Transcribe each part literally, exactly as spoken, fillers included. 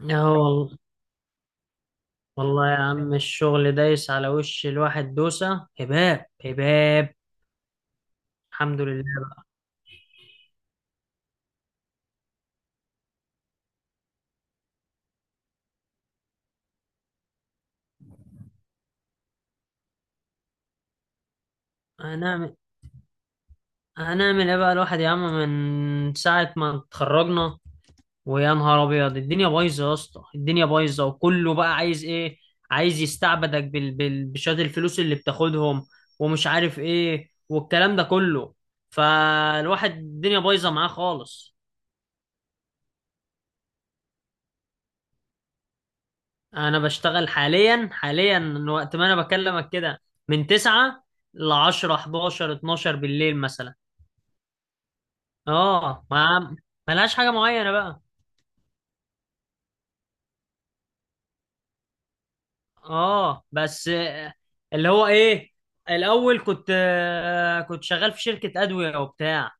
اه والله. والله يا عم، الشغل دايس على وش الواحد دوسة هباب هباب. الحمد لله بقى. هنعمل هنعمل ايه بقى الواحد يا عم، من ساعة ما اتخرجنا، ويا نهار ابيض الدنيا بايظة يا اسطى، الدنيا بايظة وكله بقى عايز ايه؟ عايز يستعبدك بال... بال... بشوية الفلوس اللي بتاخدهم ومش عارف ايه والكلام ده كله. فالواحد الدنيا بايظة معاه خالص. انا بشتغل حاليا حاليا من وقت ما انا بكلمك كده، من تسعة ل عشرة أحد عشر اتناشر بالليل مثلا. اه ما ملهاش حاجه معينه بقى. اه بس آه، اللي هو ايه، الاول كنت آه، كنت شغال في شركه ادويه وبتاع،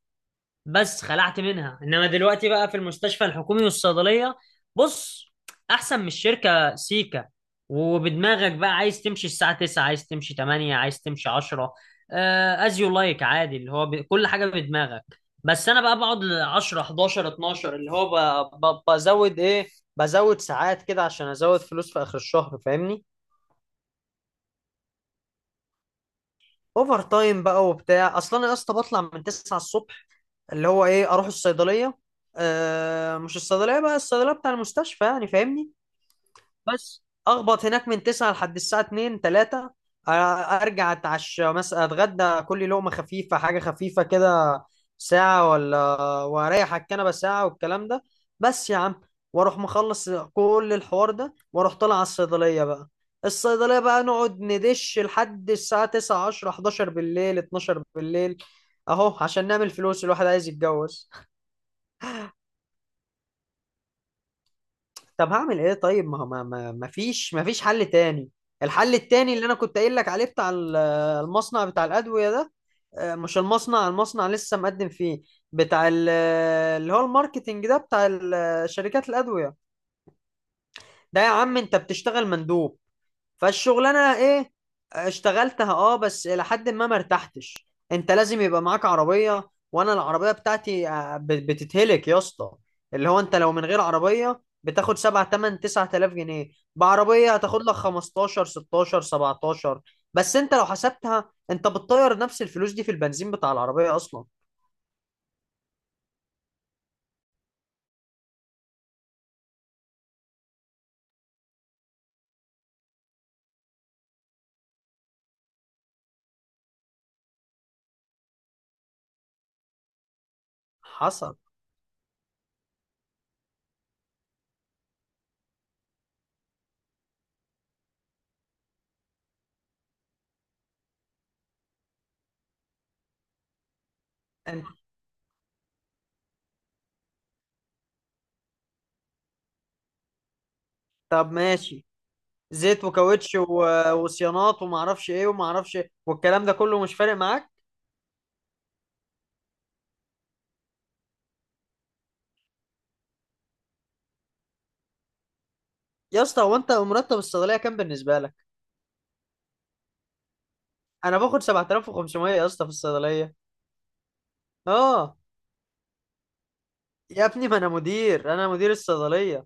بس خلعت منها. انما دلوقتي بقى في المستشفى الحكومي والصيدليه. بص، احسن من الشركه سيكا. وبدماغك بقى عايز تمشي الساعه تسعة، عايز تمشي تمانية، عايز تمشي عشرة، از يو لايك، عادي، اللي هو ب... كل حاجه بدماغك. بس انا بقى بقعد ل عشرة حداشر اتناشر، اللي هو ب... ب... بزود ايه، بزود ساعات كده عشان ازود فلوس في اخر الشهر، فاهمني. اوفر تايم بقى وبتاع. اصلا انا يا اسطى بطلع من تسعة الصبح، اللي هو ايه، اروح الصيدليه. آه، مش الصيدليه بقى، الصيدليه بتاع المستشفى، يعني فاهمني. بس اخبط هناك من تسعة لحد الساعه اتنين تلاتة، آه، ارجع اتعشى مثلا اتغدى، كل لقمه خفيفه، حاجه خفيفه كده، ساعه، ولا واريح على الكنبه ساعه والكلام ده. بس يا عم، واروح مخلص كل الحوار ده واروح طالع على الصيدليه بقى. الصيدليه بقى نقعد ندش لحد الساعه تسعة عشرة حداشر بالليل اتناشر بالليل، اهو عشان نعمل فلوس، الواحد عايز يتجوز. طب هعمل ايه؟ طيب، ما هو ما ما ما فيش ما فيش حل تاني. الحل التاني اللي انا كنت قايل لك عليه، بتاع ال- المصنع بتاع الادويه ده. آه، مش المصنع المصنع لسه مقدم فيه. بتاع ال- اللي هو الماركتينج ده، بتاع ال- شركات الادويه ده. يا عم انت بتشتغل مندوب، فالشغلانه ايه؟ اشتغلتها اه، بس الى حد ما ما ارتحتش. انت لازم يبقى معاك عربيه، وانا العربيه بتاعتي آه، ب- بتتهلك يا اسطى. اللي هو انت لو من غير عربيه بتاخد سبعة تمانية تسعة آلاف جنيه، بعربيه هتاخد لك خمستاشر ستاشر سبعتاشر. بس انت لو حسبتها، انت بتطير نفس الفلوس دي في البنزين بتاع العربيه اصلا. حصل. انت، طب ماشي، زيت وكاوتش و- وصيانات وما اعرفش ايه وما اعرفش إيه، والكلام ده كله مش فارق معاك. يا اسطى، هو انت مرتب الصيدليه كام بالنسبه لك؟ انا باخد سبعة آلاف وخمسمئة يا اسطى في الصيدليه. اه. يا ابني ما انا مدير، انا مدير الصيدليه.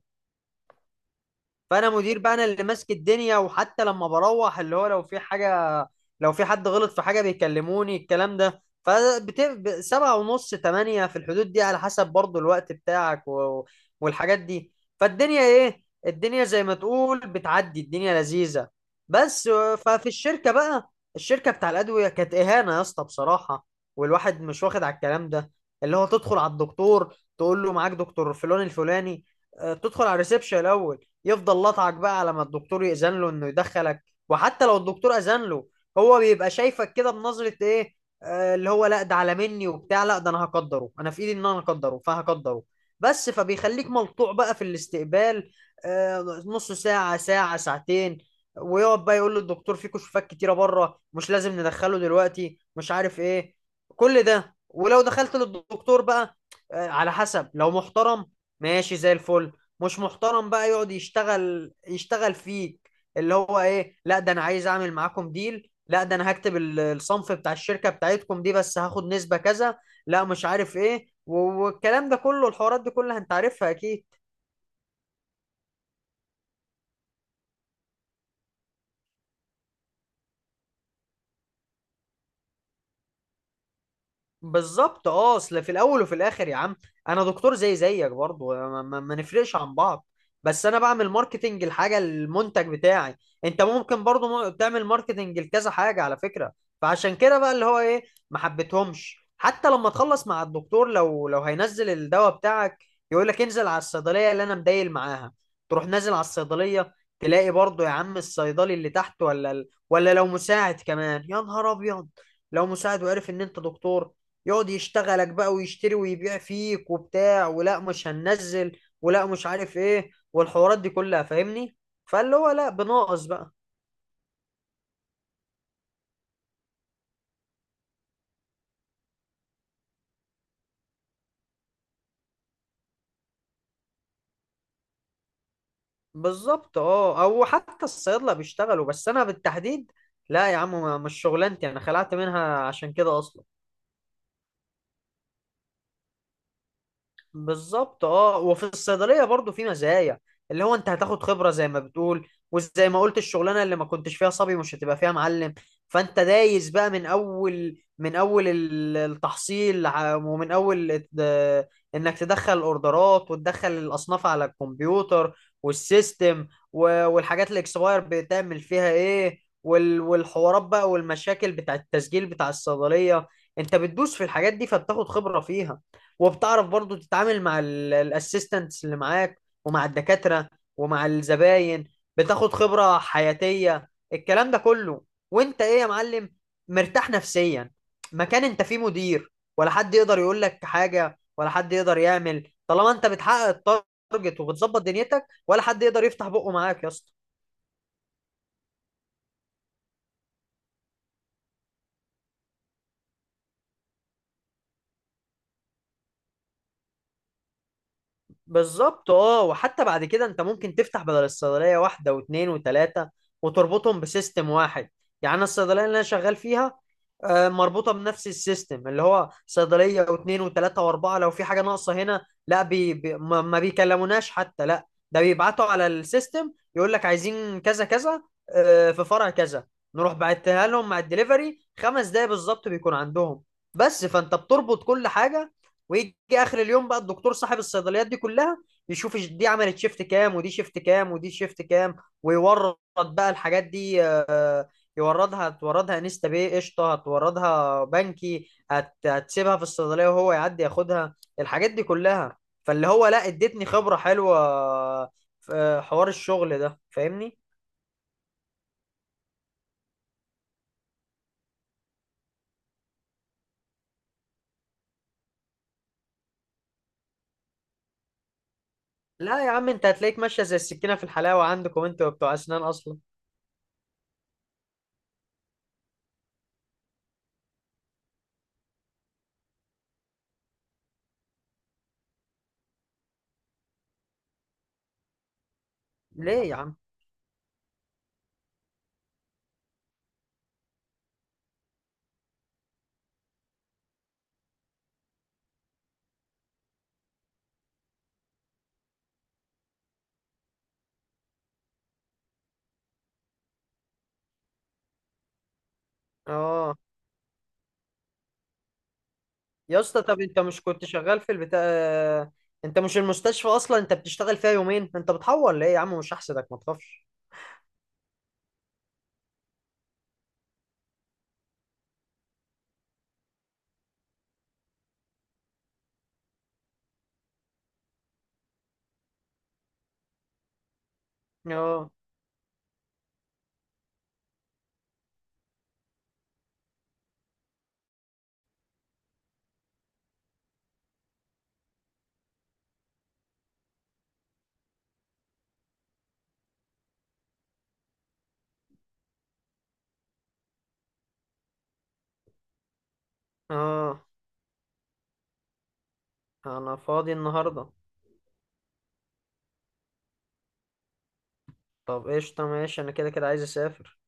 فانا مدير بقى، انا اللي ماسك الدنيا، وحتى لما بروح اللي هو لو في حاجه، لو في حد غلط في حاجه بيكلموني الكلام ده، فبت... ب- سبعة ونص، تمانية، في الحدود دي، على حسب برضو الوقت بتاعك و... والحاجات دي. فالدنيا ايه، الدنيا زي ما تقول بتعدي، الدنيا لذيذة. بس آه، ففي الشركة بقى، الشركة بتاع الأدوية كانت إهانة يا اسطى بصراحة، والواحد مش واخد على الكلام ده. اللي هو تدخل على الدكتور، تقول له معاك دكتور فلان الفلاني، آه، تدخل على الريسبشن الأول، يفضل لطعك بقى على ما الدكتور يأذن له انه يدخلك. وحتى لو الدكتور أذن له، هو بيبقى شايفك كده بنظرة ايه، آه اللي هو لا ده على مني وبتاع، لا ده انا هقدره، انا في ايدي ان انا اقدره فهقدره. بس فبيخليك ملطوع بقى في الاستقبال، آه نص ساعة، ساعة، ساعتين، ويقعد بقى يقول للدكتور في كشوفات كتيرة بره، مش لازم ندخله دلوقتي، مش عارف ايه. كل ده. ولو دخلت للدكتور بقى، آه على حسب، لو محترم ماشي زي الفل، مش محترم بقى يقعد يشتغل يشتغل فيك، اللي هو ايه، لا ده انا عايز اعمل معاكم ديل، لا ده انا هكتب ال- الصنف بتاع الشركة بتاعتكم دي، بس هاخد نسبة كذا. لا مش عارف ايه والكلام ده كله، الحوارات دي كلها انت عارفها اكيد. بالظبط اه، اصل في الاول وفي الاخر يا عم، انا دكتور زي زيك برضه، ما, ما ما نفرقش عن بعض. بس انا بعمل ماركتنج الحاجه، المنتج بتاعي. انت ممكن برضه مو- تعمل ماركتنج لكذا حاجه على فكره. فعشان كده بقى، اللي هو ايه، ما حبيتهمش. حتى لما تخلص مع الدكتور، لو لو هينزل الدواء بتاعك، يقول لك انزل على الصيدليه اللي انا مدايل معاها. تروح نازل على الصيدليه، تلاقي برضه يا عم الصيدلي اللي تحت، ولا ال- ولا لو مساعد كمان، يا نهار ابيض، لو مساعد وعرف ان انت دكتور، يقعد يشتغلك بقى، ويشتري ويبيع فيك وبتاع، ولا مش هننزل، ولا مش عارف ايه، والحوارات دي كلها، فاهمني. فاللي هو لا، بناقص بقى. بالظبط اه، او حتى الصيادله بيشتغلوا، بس انا بالتحديد لا يا عم، ما- مش شغلانتي، انا خلعت منها عشان كده اصلا. بالظبط اه، وفي الصيدليه برضو في مزايا، اللي هو انت هتاخد خبره زي ما بتقول، وزي ما قلت الشغلانه اللي ما كنتش فيها صبي مش هتبقى فيها معلم. فانت دايس بقى من اول، من اول ال- التحصيل، ع- ومن اول الت- انك تدخل الاوردرات وتدخل الاصناف على الكمبيوتر والسيستم، و- والحاجات الاكسباير بتعمل فيها ايه، وال- والحوارات بقى والمشاكل بتاع التسجيل بتاع الصيدليه. انت بتدوس في الحاجات دي فبتاخد خبره فيها، وبتعرف برضو تتعامل مع الاسيستنتس اللي معاك، ومع الدكاترة، ومع الزباين. بتاخد خبرة حياتية الكلام ده كله. وانت ايه يا معلم، مرتاح نفسيا، مكان انت فيه مدير، ولا حد يقدر يقول لك حاجة ولا حد يقدر يعمل، طالما انت بتحقق التارجت وبتظبط دنيتك، ولا حد يقدر يفتح بقه معاك يا اسطى. بالظبط اه، وحتى بعد كده انت ممكن تفتح بدل الصيدليه واحده واثنين وثلاثه، وتربطهم بسيستم واحد. يعني انا الصيدليه اللي انا شغال فيها آه، مربوطه بنفس السيستم، اللي هو صيدليه واثنين وثلاثه واربعه. لو في حاجه ناقصه هنا، لا بي بي، ما ما بيكلموناش حتى، لا ده بيبعتوا على السيستم، يقول لك عايزين كذا كذا، آه، في فرع كذا، نروح بعتها لهم مع الدليفري، خمس دقايق بالظبط بيكون عندهم. بس فانت بتربط كل حاجه. ويجي اخر اليوم بقى الدكتور صاحب الصيدليات دي كلها، يشوف دي عملت شيفت كام، ودي شيفت كام، ودي شيفت كام، ويورد بقى الحاجات دي، آه، يوردها، هتوردها انستا باي قشطه، هتوردها بنكي، هت- هتسيبها في الصيدليه وهو يعدي ياخدها الحاجات دي كلها. فاللي هو لا، ادتني خبره حلوه في حوار الشغل ده، فاهمني. لا يا عم انت هتلاقيك ماشيه زي السكينه في الحلاوه، عندكم انتوا بتوع اسنان اصلا. ليه يا عم؟ اه. يا اسطى طب انت مش كنت شغال في البتاع، انت مش المستشفى اصلا انت بتشتغل فيها يومين، انت بتحور ليه يا عم، مش هحسدك ما تخافش. اه. اه انا فاضي النهارده. طب قشطه ماشي، انا كده كده عايز اسافر.